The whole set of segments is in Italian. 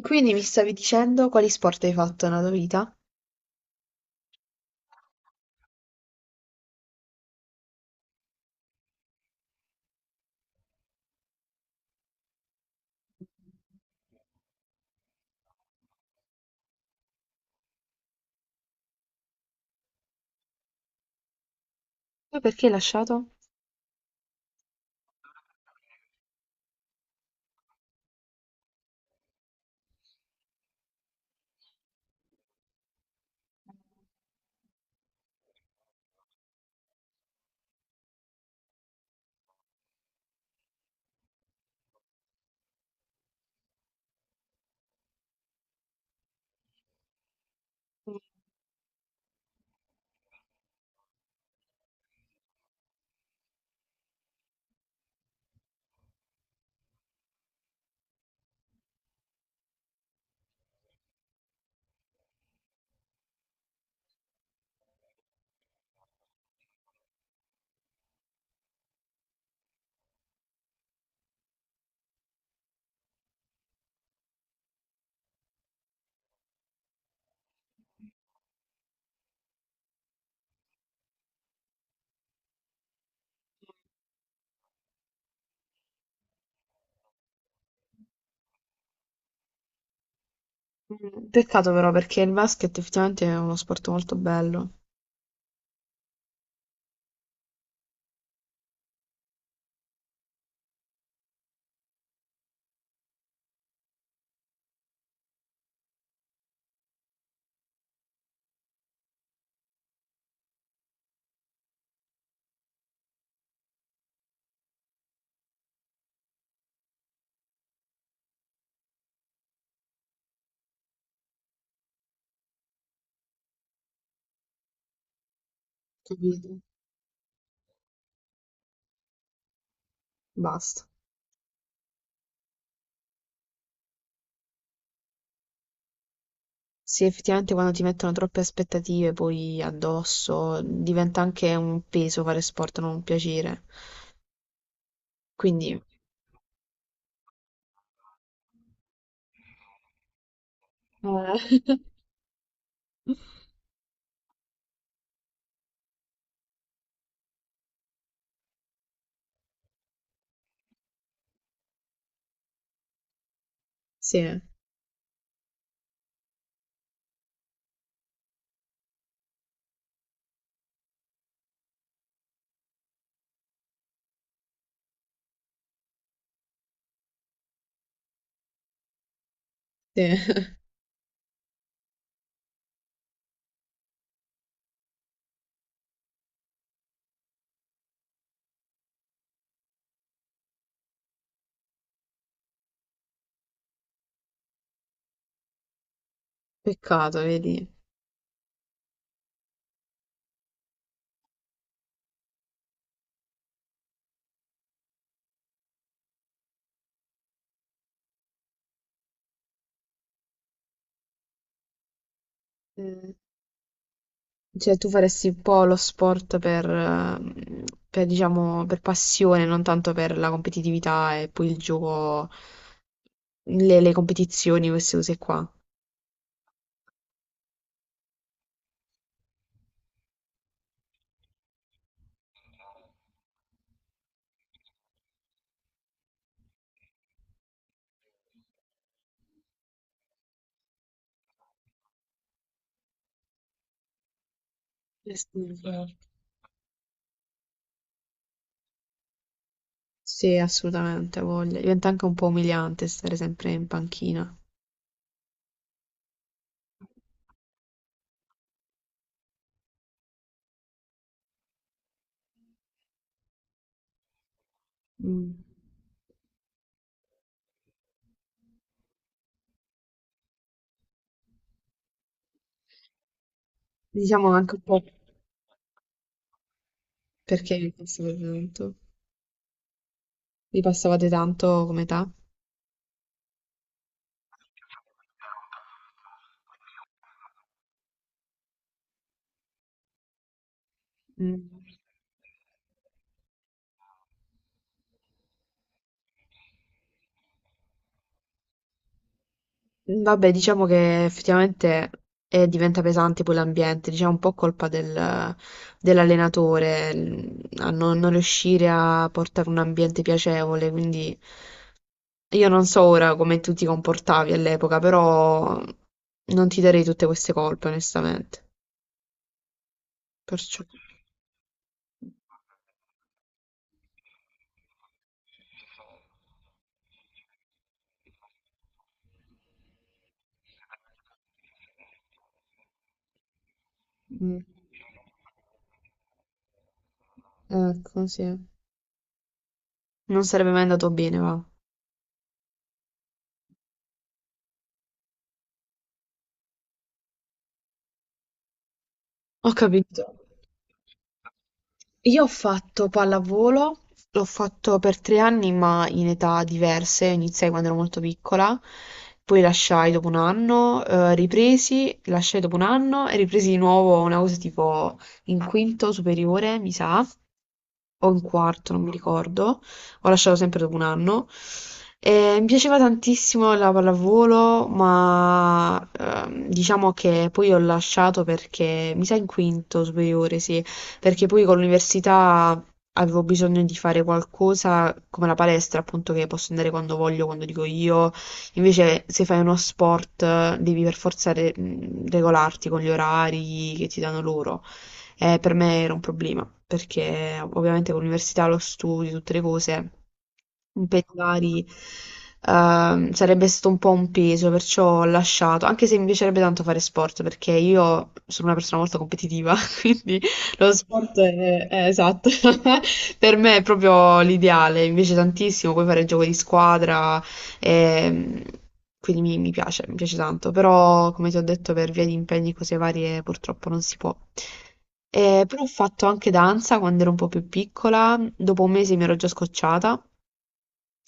Quindi mi stavi dicendo quali sport hai fatto nella tua vita? Poi perché hai lasciato? Mm, peccato però perché il basket effettivamente è uno sport molto bello. Capito. Basta. Sì, effettivamente quando ti mettono troppe aspettative poi addosso diventa anche un peso fare sport, non un piacere. Quindi... Eh. Sì, sì. Peccato, vedi. Mm. Cioè, tu faresti un po' lo sport per, diciamo, per passione, non tanto per la competitività e poi il gioco, le competizioni, queste cose qua. Eh sì, certo. Sì, assolutamente, ha voglia. Diventa anche un po' umiliante stare sempre in panchina. Mm. Diciamo anche un po' perché vi passavate tanto. Vi passavate tanto come età? Mm. Vabbè, diciamo che effettivamente diventa pesante poi l'ambiente, diciamo un po' colpa del- dell'allenatore l- a non riuscire a portare un ambiente piacevole, quindi io non so ora come tu ti comportavi all'epoca, però non ti darei tutte queste colpe, onestamente. Perciò, mm, ecco, sì. Non sarebbe mai andato bene, va. Ho capito. Io ho fatto pallavolo, l'ho fatto per tre anni ma in età diverse, iniziai quando ero molto piccola, poi lasciai dopo un anno, ripresi, lasciai dopo un anno e ripresi di nuovo una cosa tipo in quinto superiore, mi sa o in quarto, non mi ricordo, ho lasciato sempre dopo un anno. E mi piaceva tantissimo la pallavolo, ma diciamo che poi ho lasciato perché, mi sa in quinto superiore, sì, perché poi con l'università avevo bisogno di fare qualcosa come la palestra, appunto, che posso andare quando voglio, quando dico io. Invece, se fai uno sport, devi per forza re- regolarti con gli orari che ti danno loro. Per me era un problema, perché ovviamente con l'università, lo studio, tutte le cose, impegni vari, sarebbe stato un po' un peso, perciò ho lasciato, anche se mi piacerebbe tanto fare sport, perché io sono una persona molto competitiva, quindi lo sport è esatto, per me è proprio l'ideale, invece tantissimo, puoi fare gioco di squadra, e, quindi mi piace tanto, però come ti ho detto per via di impegni e cose varie purtroppo non si può. Però ho fatto anche danza quando ero un po' più piccola, dopo un mese mi ero già scocciata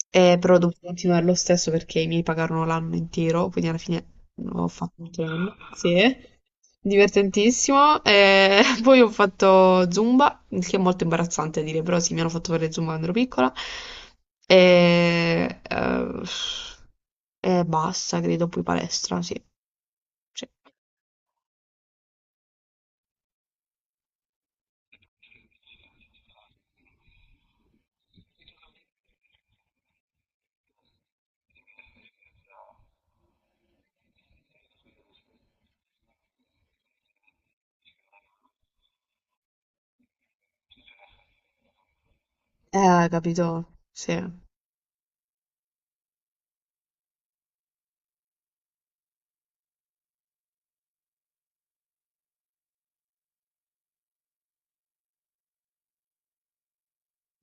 e però ho dovuto continuare lo stesso perché i miei pagarono l'anno intero, quindi alla fine ho fatto tutto l'anno. Sì, divertentissimo. E poi ho fatto Zumba, il che è molto imbarazzante a dire, però sì, mi hanno fatto fare Zumba quando ero piccola. E, eh, e basta, credo, poi palestra, sì. Sì. Capito? Sì.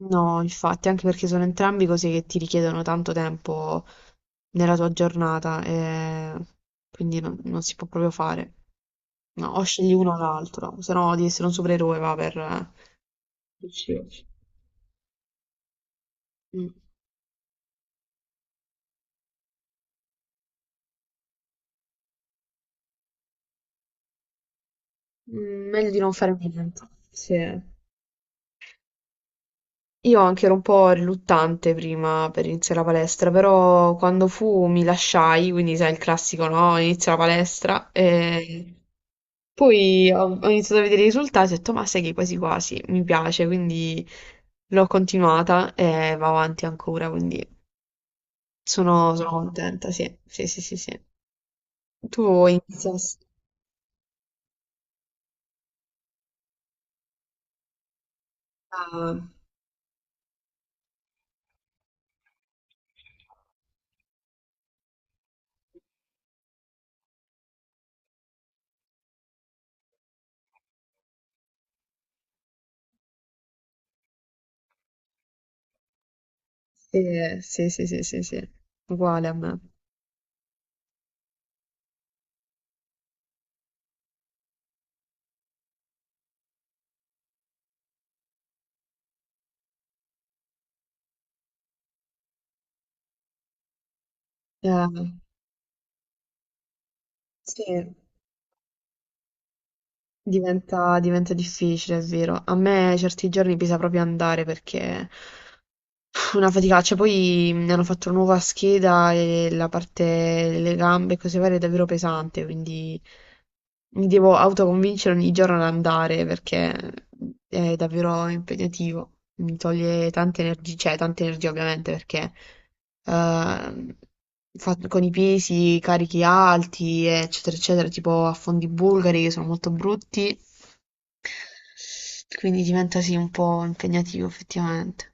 No, infatti, anche perché sono entrambi cose che ti richiedono tanto tempo nella tua giornata, e quindi non si può proprio fare. No, o scegli uno o l'altro, se no di essere un supereroe va per... Sì. Mm. Mm, meglio di non fare niente. Sì. Io anche ero un po' riluttante prima per iniziare la palestra, però quando fu mi lasciai, quindi sai il classico, no? Inizia la palestra e... Poi ho iniziato a vedere i risultati e ho detto, ma sai che quasi quasi mi piace, quindi l'ho continuata e va avanti ancora, quindi sono, sono contenta, sì, sì, sì, sì, sì. Tu iniziasti a... Sì, sì, sì, sì, sì, sì, uguale a me. Eh, sì, diventa, diventa difficile, è vero. A me certi giorni bisogna proprio andare perché... Fu una faticaccia, poi mi hanno fatto una nuova scheda e la parte, le gambe e cose varie è davvero pesante, quindi mi devo autoconvincere ogni giorno ad andare perché è davvero impegnativo, mi toglie tante energie, cioè tante energie ovviamente perché ehm, fa- con i pesi, carichi alti, eccetera, eccetera, tipo a fondi bulgari che sono molto brutti, quindi diventa sì un po' impegnativo effettivamente.